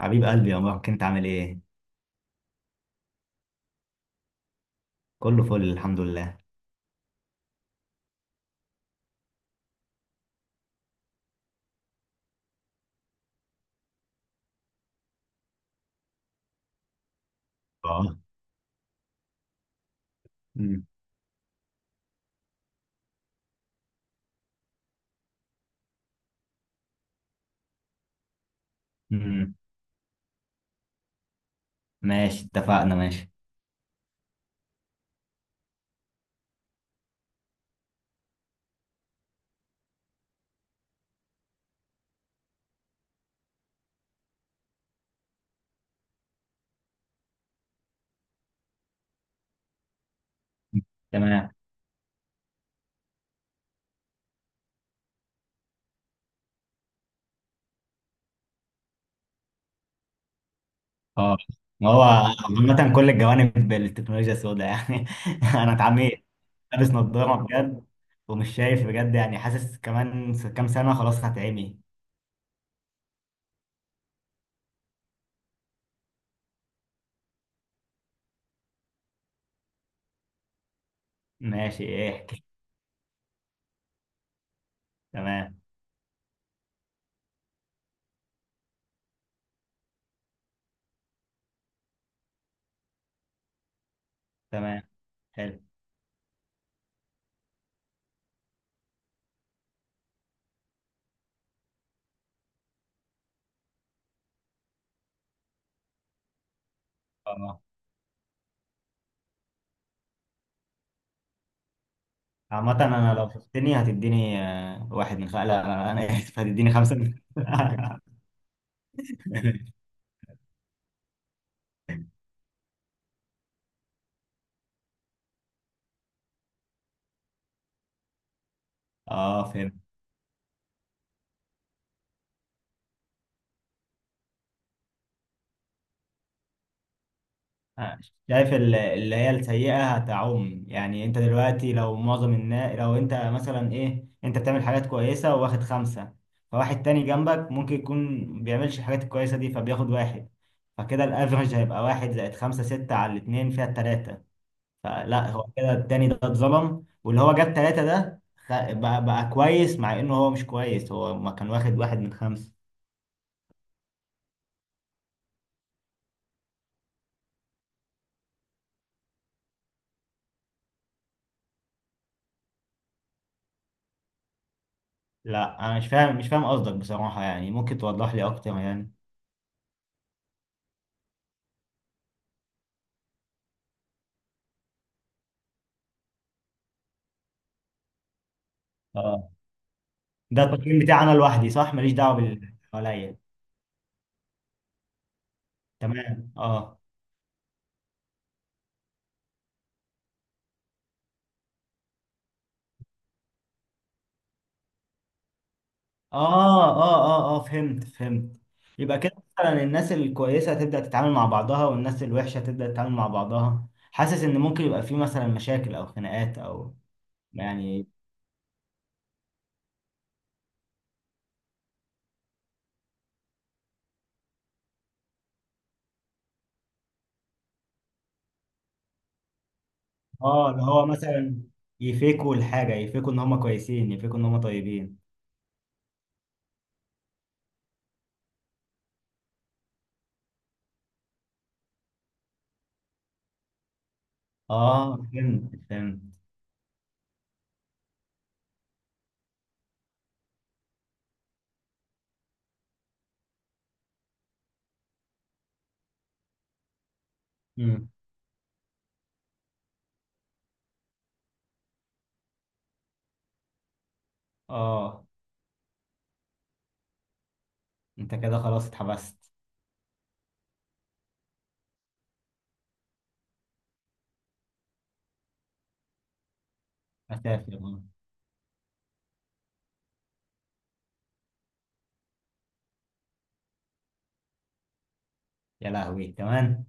حبيب قلبي يا مروان، كنت عامل ايه؟ كله فل، الحمد لله. اه. مم. مم. ماشي، اتفقنا، ماشي. تمام، اه، ما هو عامة كل الجوانب التكنولوجيا السوداء يعني انا اتعميت. لابس نظارة بجد ومش شايف بجد، يعني حاسس كمان كام سنة خلاص هتعمي. ماشي، ايه، احكي. تمام، تمام، حلو، اه. عامة انا لو شفتني هتديني واحد من لا لا، انا اسف، هتديني خمسة من اه، فهمت. آه، شايف اللي هي السيئة هتعم، يعني انت دلوقتي لو معظم الناس، لو انت مثلا ايه، انت بتعمل حاجات كويسة وواخد خمسة، فواحد تاني جنبك ممكن يكون بيعملش الحاجات الكويسة دي فبياخد واحد، فكده الافرج هيبقى واحد زائد خمسة ستة على الاتنين فيها التلاتة. فلا هو كده التاني ده اتظلم، واللي هو جاب تلاتة ده بقى كويس، مع انه هو مش كويس، هو ما كان واخد واحد من خمسة. لا، انا مش فاهم، مش فاهم قصدك بصراحة، يعني ممكن توضح لي اكتر يعني. ده التقييم بتاعي انا لوحدي صح؟ ماليش دعوه باللي حواليا. تمام، اه، اه، اه، اه. اه فهمت فهمت. يبقى كده، مثلا الناس الكويسه هتبدا تتعامل مع بعضها، والناس الوحشه هتبدا تتعامل مع بعضها. حاسس ان ممكن يبقى في مثلا مشاكل او خناقات او يعني. اه، اللي هو مثلا يفيكوا الحاجه، يفيكوا ان هم كويسين، يفيكوا ان هم طيبين. اه، فهمت فهمت. امم اه. انت كده خلاص اتحبست. اسافر آه. يا لهوي كمان.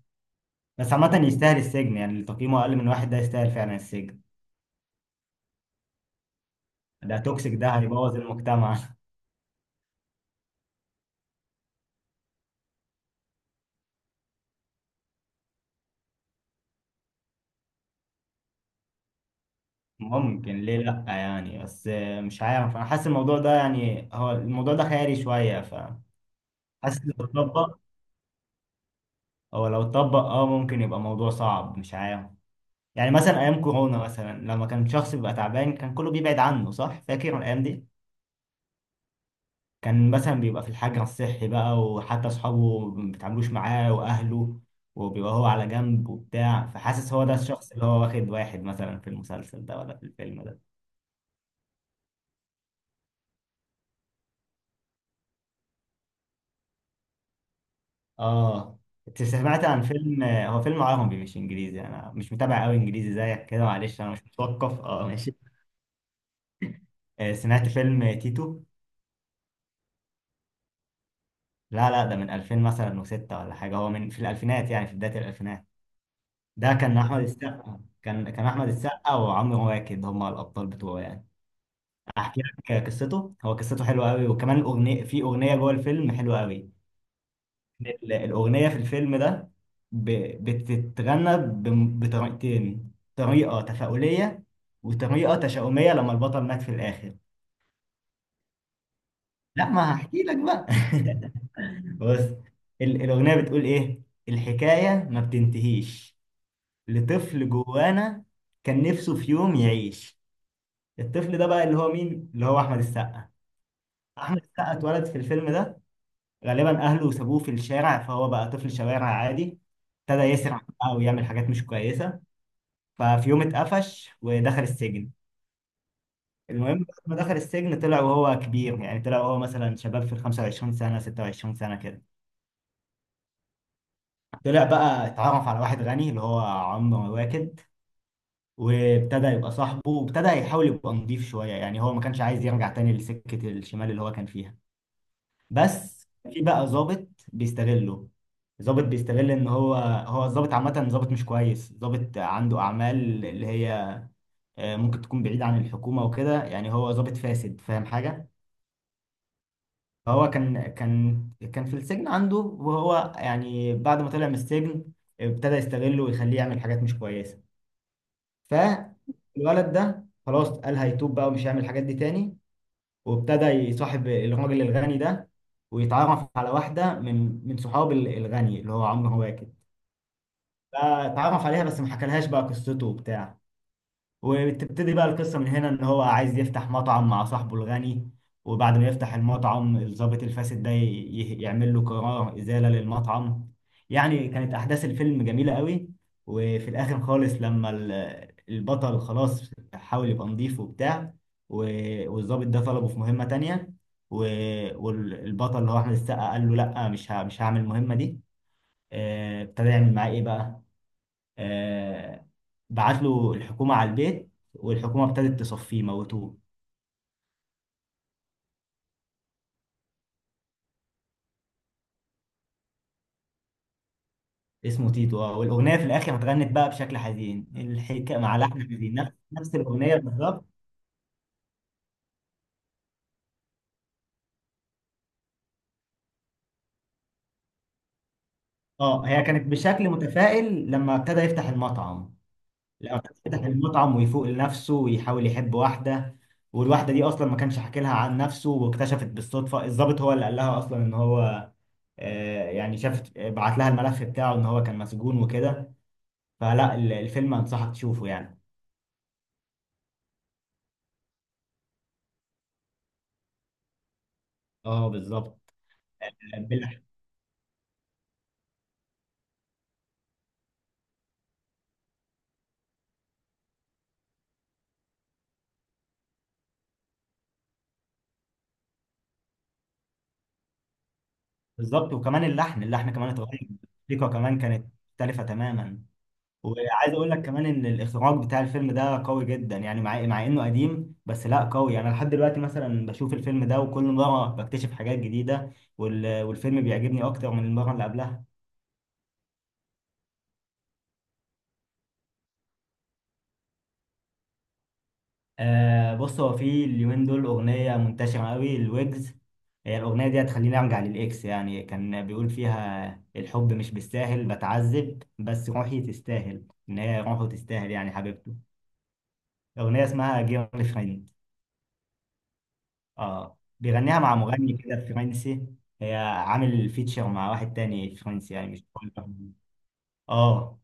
بس عامة يستاهل السجن، يعني اللي تقييمه أقل من واحد ده يستاهل فعلا السجن. ده توكسيك، ده هيبوظ المجتمع ممكن، ليه لأ يعني. بس مش عارف، أنا حاسس الموضوع ده يعني هو الموضوع ده خيالي شوية، فحاسس لو اتطبق. أو لو اتطبق ممكن يبقى موضوع صعب، مش عارف. يعني مثلا أيام كورونا مثلا، لما كان شخص بيبقى تعبان كان كله بيبعد عنه صح؟ فاكر الأيام دي؟ كان مثلا بيبقى في الحجر الصحي بقى، وحتى أصحابه ما بيتعاملوش معاه وأهله، وبيبقى هو على جنب وبتاع. فحاسس هو ده الشخص اللي هو واخد واحد، مثلا في المسلسل ده ولا في الفيلم ده. آه أنت سمعت عن فيلم، هو فيلم عربي مش إنجليزي، أنا مش متابع قوي إنجليزي زيك كده، معلش أنا مش متوقف. آه، ماشي. سمعت فيلم تيتو. لا لا، ده من 2000 مثلا وستة ولا حاجة، هو من في الألفينات، يعني في بداية الألفينات. ده كان أحمد السقا، كان أحمد السقا وعمرو واكد هما الأبطال بتوعه يعني. احكي لك قصته، هو قصته حلوه قوي، وكمان الاغنيه، في اغنيه جوه الفيلم حلوه قوي. الاغنيه في الفيلم ده ب... بتتغنى بطريقتين، طريقه تفاؤليه وطريقه تشاؤميه لما البطل مات في الاخر. لا، ما هحكي لك بقى بص، الاغنيه بتقول ايه. الحكايه ما بتنتهيش لطفل جوانا، كان نفسه في يوم يعيش. الطفل ده بقى اللي هو مين؟ اللي هو احمد السقا. احمد السقا اتولد في الفيلم ده، غالبا اهله سابوه في الشارع، فهو بقى طفل شوارع عادي. ابتدى يسرع بقى ويعمل حاجات مش كويسه، ففي يوم اتقفش ودخل السجن. المهم بعد ما دخل السجن طلع وهو كبير، يعني طلع وهو مثلا شباب في ال 25 سنه 26 سنه كده. طلع بقى، اتعرف على واحد غني اللي هو عمرو واكد، وابتدى يبقى صاحبه، وابتدى يحاول يبقى نضيف شويه، يعني هو ما كانش عايز يرجع تاني لسكه الشمال اللي هو كان فيها. بس في بقى ظابط بيستغله، ظابط بيستغل ان هو الظابط عامه ظابط مش كويس، ظابط عنده اعمال اللي هي ممكن تكون بعيد عن الحكومه وكده، يعني هو ظابط فاسد، فاهم حاجه. فهو كان في السجن عنده، وهو يعني بعد ما طلع من السجن ابتدى يستغله ويخليه يعمل حاجات مش كويسه. فالولد ده خلاص قال هيتوب بقى ومش هيعمل الحاجات دي تاني، وابتدى يصاحب الراجل الغني ده، ويتعرف على واحدة من صحاب الغني اللي هو عمرو واكد. فتعرف عليها، بس ما حكالهاش بقى قصته وبتاع. وبتبتدي بقى القصة من هنا، ان هو عايز يفتح مطعم مع صاحبه الغني. وبعد ما يفتح المطعم الضابط الفاسد ده يعمل له قرار إزالة للمطعم. يعني كانت أحداث الفيلم جميلة قوي. وفي الآخر خالص لما البطل خلاص حاول يبقى نضيف وبتاع، والضابط ده طلبه في مهمة تانية، و- والبطل اللي هو أحمد السقا قال له لأ، مش هعمل المهمة دي. ابتدى يعمل معاه إيه بقى؟ آه، بعت له الحكومة على البيت، والحكومة ابتدت تصفيه، موتوه. اسمه تيتو، اه، والأغنية في الآخر اتغنت بقى بشكل حزين، الحكاية مع لحن حزين، نفس الأغنية بالظبط. اه، هي كانت بشكل متفائل لما ابتدى يفتح المطعم. لما ابتدى يفتح المطعم ويفوق لنفسه ويحاول يحب واحدة، والواحدة دي أصلا ما كانش حكي لها عن نفسه، واكتشفت بالصدفة، الضابط هو اللي قال لها أصلا إن هو يعني شافت، بعت لها الملف بتاعه إن هو كان مسجون وكده. فلا، الفيلم أنصحك تشوفه يعني. اه بالظبط. باللحن. بالظبط، وكمان اللحن كمان اتغير. الموسيقى كمان كانت مختلفة تماما. وعايز اقول لك كمان ان الاخراج بتاع الفيلم ده قوي جدا، يعني مع انه قديم بس لا قوي، يعني انا لحد دلوقتي مثلا بشوف الفيلم ده وكل مرة بكتشف حاجات جديدة، والفيلم بيعجبني اكتر من المرة اللي قبلها. آه بص هو في اليومين دول أغنية منتشرة قوي الويجز. هي الأغنية دي هتخليني أرجع للإكس، يعني كان بيقول فيها الحب مش بالساهل بتعذب بس روحي تستاهل، إن هي روحه تستاهل يعني حبيبته. أغنية اسمها جيرل فريند. آه بيغنيها مع مغني كده فرنسي. هي عامل فيتشر مع واحد تاني فرنسي يعني مش كل. آه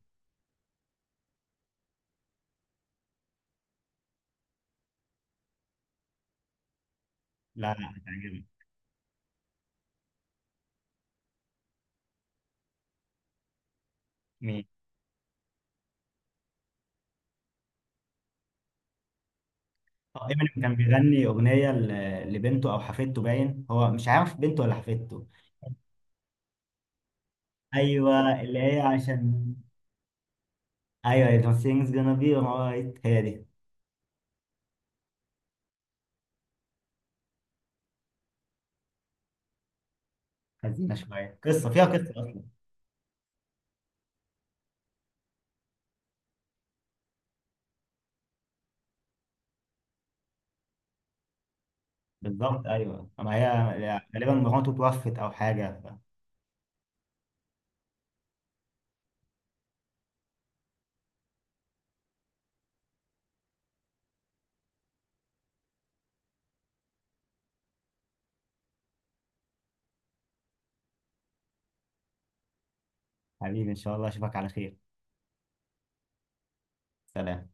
لا لا، هتعجبك. مين؟ اه، ايمن كان بيغني اغنيه لبنته او حفيدته، باين هو مش عارف بنته ولا حفيدته. ايوه اللي هي عشان، ايوه it was things gonna be alright هي دي. حزينه شويه، قصه فيها قصه اصلا. بالظبط، ايوه، اما هي غالبا مراته توفت او حاجه. حبيبي، ان شاء الله اشوفك على خير. سلام.